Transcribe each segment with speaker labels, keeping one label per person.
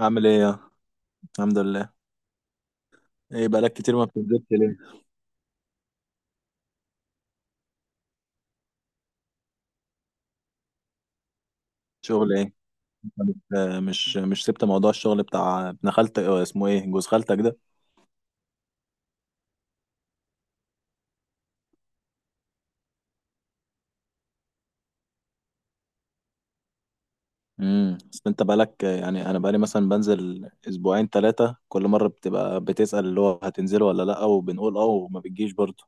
Speaker 1: عامل ايه يا. الحمد لله. ايه بقالك كتير ما بتنزلش ليه؟ شغل ايه؟ انت مش سبت موضوع الشغل بتاع ابن خالتك، اسمه ايه جوز خالتك ده؟ بس انت بقالك يعني انا بقالي مثلا بنزل اسبوعين 3، كل مرة بتبقى بتسأل اللي هو هتنزله ولا لا وبنقول اه وما بتجيش برضه.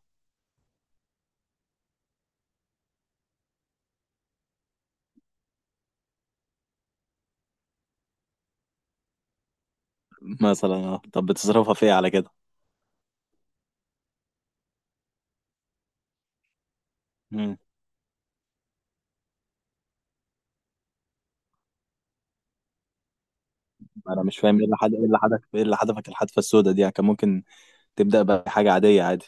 Speaker 1: مثلا طب بتصرفها في ايه على كده؟ امم. انا مش فاهم، ايه اللي حد ايه اللي حدك ايه اللي حدفك الحدفة السوداء دي، يعني كان ممكن تبدأ بحاجة عادية، عادي.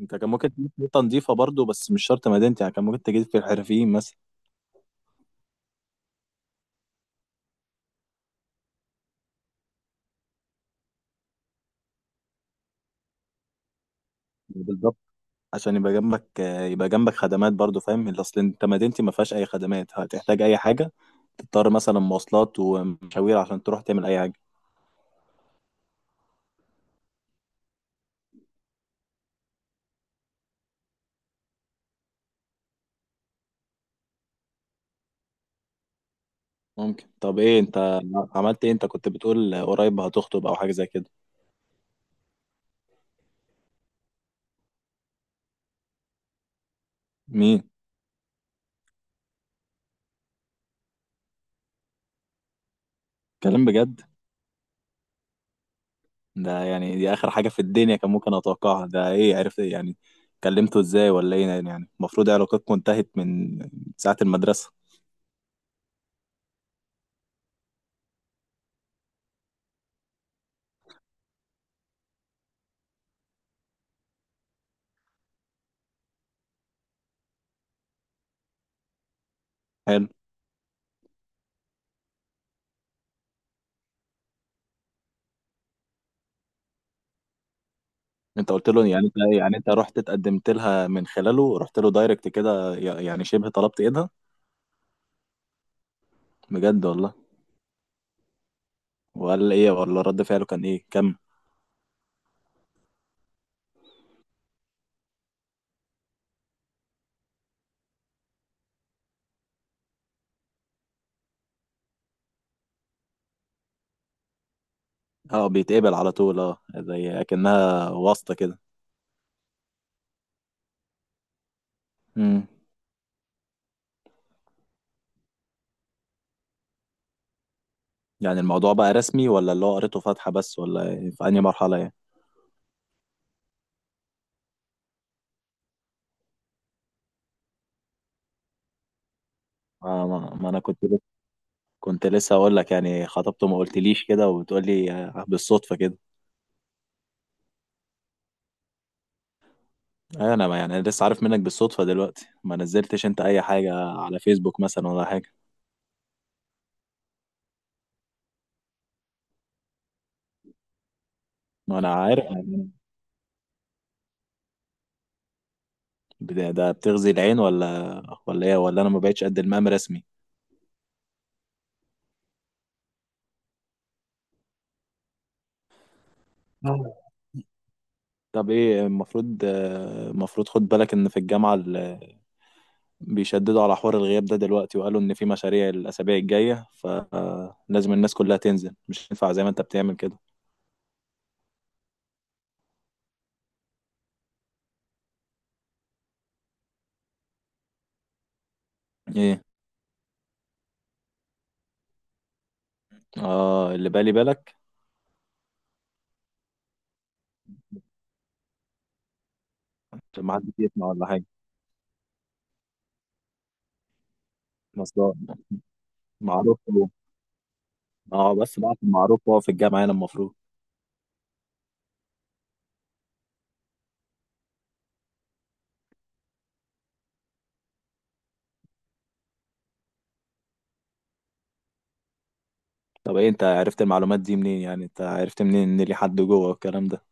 Speaker 1: انت كان ممكن تجيب نقطة نضيفة برضه، بس مش شرط مدينتي، يعني كان ممكن تجيب في الحرفيين مثلا. بالظبط. عشان يبقى جنبك خدمات برضو، فاهم اللي اصل انت مدينتي ما فيهاش اي خدمات، هتحتاج اي حاجه تضطر مثلا مواصلات ومشاوير عشان تروح تعمل اي حاجه. ممكن. طب ايه انت عملت ايه؟ انت كنت بتقول قريب هتخطب او حاجه زي كده. مين؟ كلام بجد؟ ده يعني دي اخر حاجه في الدنيا كان ممكن اتوقعها، ده ايه عرفت ايه يعني؟ كلمته ازاي ولا ايه يعني؟ المفروض علاقتكم انتهت من ساعه المدرسه. حلو. انت قلت له يعني انت يعني انت رحت اتقدمت لها من خلاله، رحت له دايركت كده، يعني شبه طلبت ايدها؟ بجد والله؟ وقال ايه ولا رد فعله كان ايه كم؟ اه بيتقبل على طول، اه زي اكنها واسطة كده. امم. يعني الموضوع بقى رسمي ولا اللي هو قريته فاتحة بس ولا ايه؟ في انهي مرحلة يعني؟ آه ما, ما انا كنت لسه كنت لسه اقول لك يعني خطبته ما قلتليش كده، وبتقول لي بالصدفة كده. ايوه انا ما يعني لسه عارف منك بالصدفة دلوقتي. ما نزلتش انت اي حاجة على فيسبوك مثلا ولا حاجة؟ ما انا عارف. ده بتغذي العين ولا ايه؟ ولا انا ما بقتش قد المقام رسمي؟ طب ايه المفروض، المفروض خد بالك ان في الجامعة بيشددوا على حوار الغياب ده دلوقتي، وقالوا ان في مشاريع الاسابيع الجاية، فلازم الناس كلها تنزل، مش ينفع زي ما انت بتعمل كده. ايه؟ اه اللي بالي بالك. عشان ما حدش يسمع ولا حاجة. بس ده معروف هو. اه بس بقى معروف هو في الجامعة هنا المفروض. طب ايه انت عرفت المعلومات دي منين؟ يعني انت عرفت منين ان لي حد جوه والكلام ده؟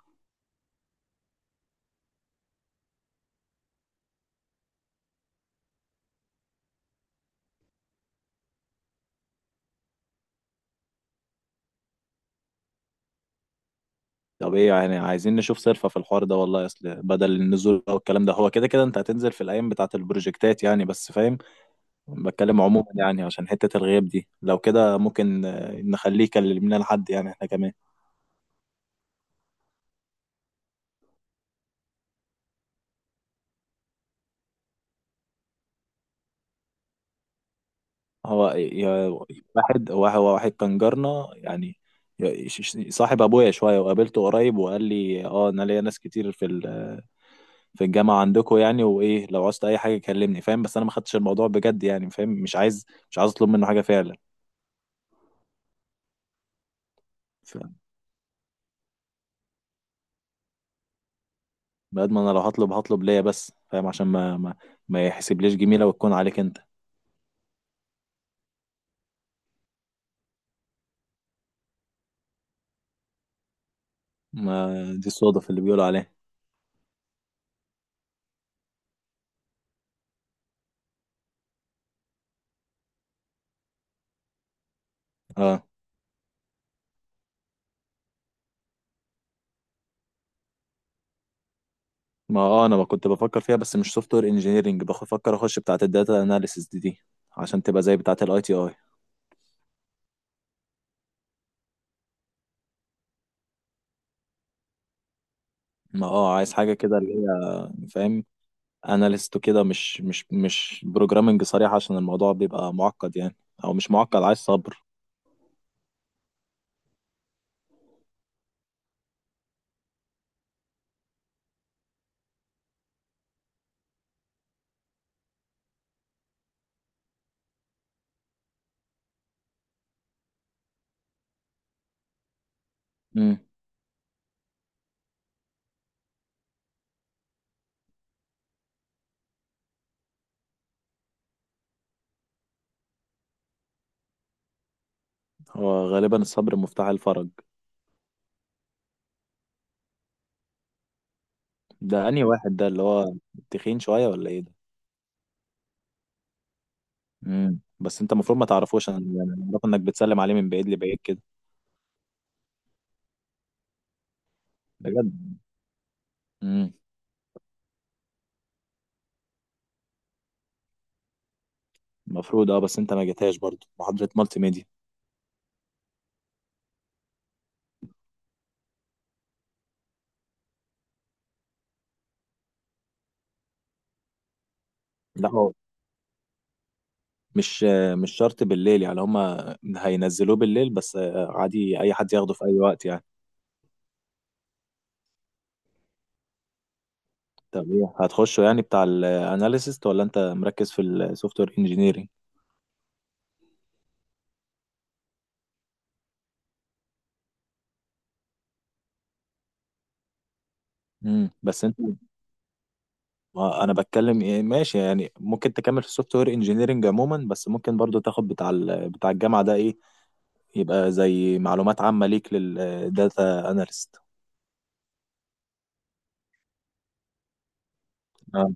Speaker 1: طب ايه يعني عايزين نشوف صرفة في الحوار ده والله، اصل بدل النزول او الكلام ده هو كده كده انت هتنزل في الايام بتاعة البروجكتات يعني، بس فاهم بتكلم عموما يعني عشان حتة الغياب دي، لو كده ممكن نخليه يكلم لنا لحد يعني احنا كمان. هو يا- واحد هو واحد كان جارنا يعني، صاحب ابويا شوية، وقابلته قريب وقال لي اه انا ليا ناس كتير في في الجامعة عندكم يعني، وايه لو عاوزت اي حاجة كلمني، فاهم بس انا ما خدتش الموضوع بجد يعني، فاهم مش عايز اطلب منه حاجة فعلا. بعد ما انا لو هطلب هطلب ليا بس، فاهم عشان ما يحسبليش جميله وتكون عليك انت. ما دي الصدف اللي بيقولوا عليها. اه. ما اه انا ما كنت بفكر فيها، بس مش سوفت وير انجينيرنج، بفكر اخش بتاعه الداتا اناليسيس دي عشان تبقى زي بتاعه الاي تي اي. ما اه عايز حاجه كده اللي هي فاهم، اناليست وكده، مش بروجرامنج صريح، عشان الموضوع بيبقى معقد يعني، او مش معقد، عايز صبر. امم. هو غالبا الصبر مفتاح الفرج. ده انهي واحد ده اللي هو تخين شويه ولا ايه ده؟ بس انت المفروض ما تعرفوش، انا يعني أنا اعرف انك بتسلم عليه من بعيد لبعيد كده. بجد. امم. المفروض اه، بس انت ما جيتهاش برضه محاضرة مالتي ميديا. لا هو مش شرط بالليل يعني، هما هينزلوه بالليل بس، عادي اي حد ياخده في اي وقت يعني. طب ايه هتخشه يعني بتاع الاناليسيست ولا انت مركز في السوفت وير انجينيرنج؟ بس انت، ما انا بتكلم ايه ماشي يعني، ممكن تكمل في السوفت وير انجينيرنج عموما، بس ممكن برضو تاخد بتاع بتاع الجامعة ده ايه، يبقى زي معلومات عامة ليك للداتا اناليست. اه.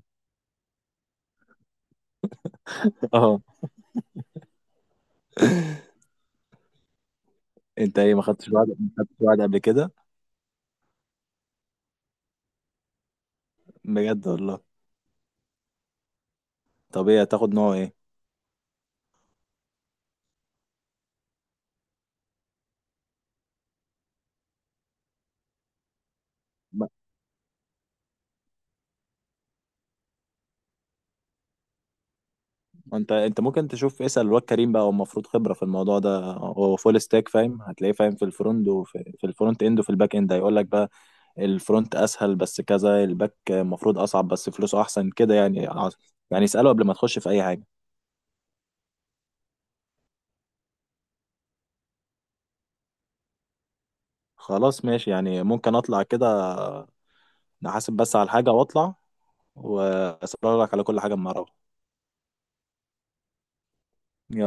Speaker 1: اه. انت ايه ما خدتش وعد قبل كده؟ بجد والله؟ طب ايه هتاخد نوع ايه؟ ما- ما انت ممكن تشوف اسأل الواد كريم بقى، هو المفروض خبرة في الموضوع ده، هو فول ستاك فاهم، هتلاقيه فاهم في الفرونت، وفي الفرونت اند وفي الباك اند، هيقول لك بقى الفرونت اسهل بس كذا، الباك المفروض اصعب بس فلوسه احسن كده يعني. يعني اسأله قبل ما تخش في اي حاجة. خلاص ماشي يعني، ممكن اطلع كده، نحاسب بس على الحاجة واطلع، وأسرارك على كل حاجة أما أعرفها.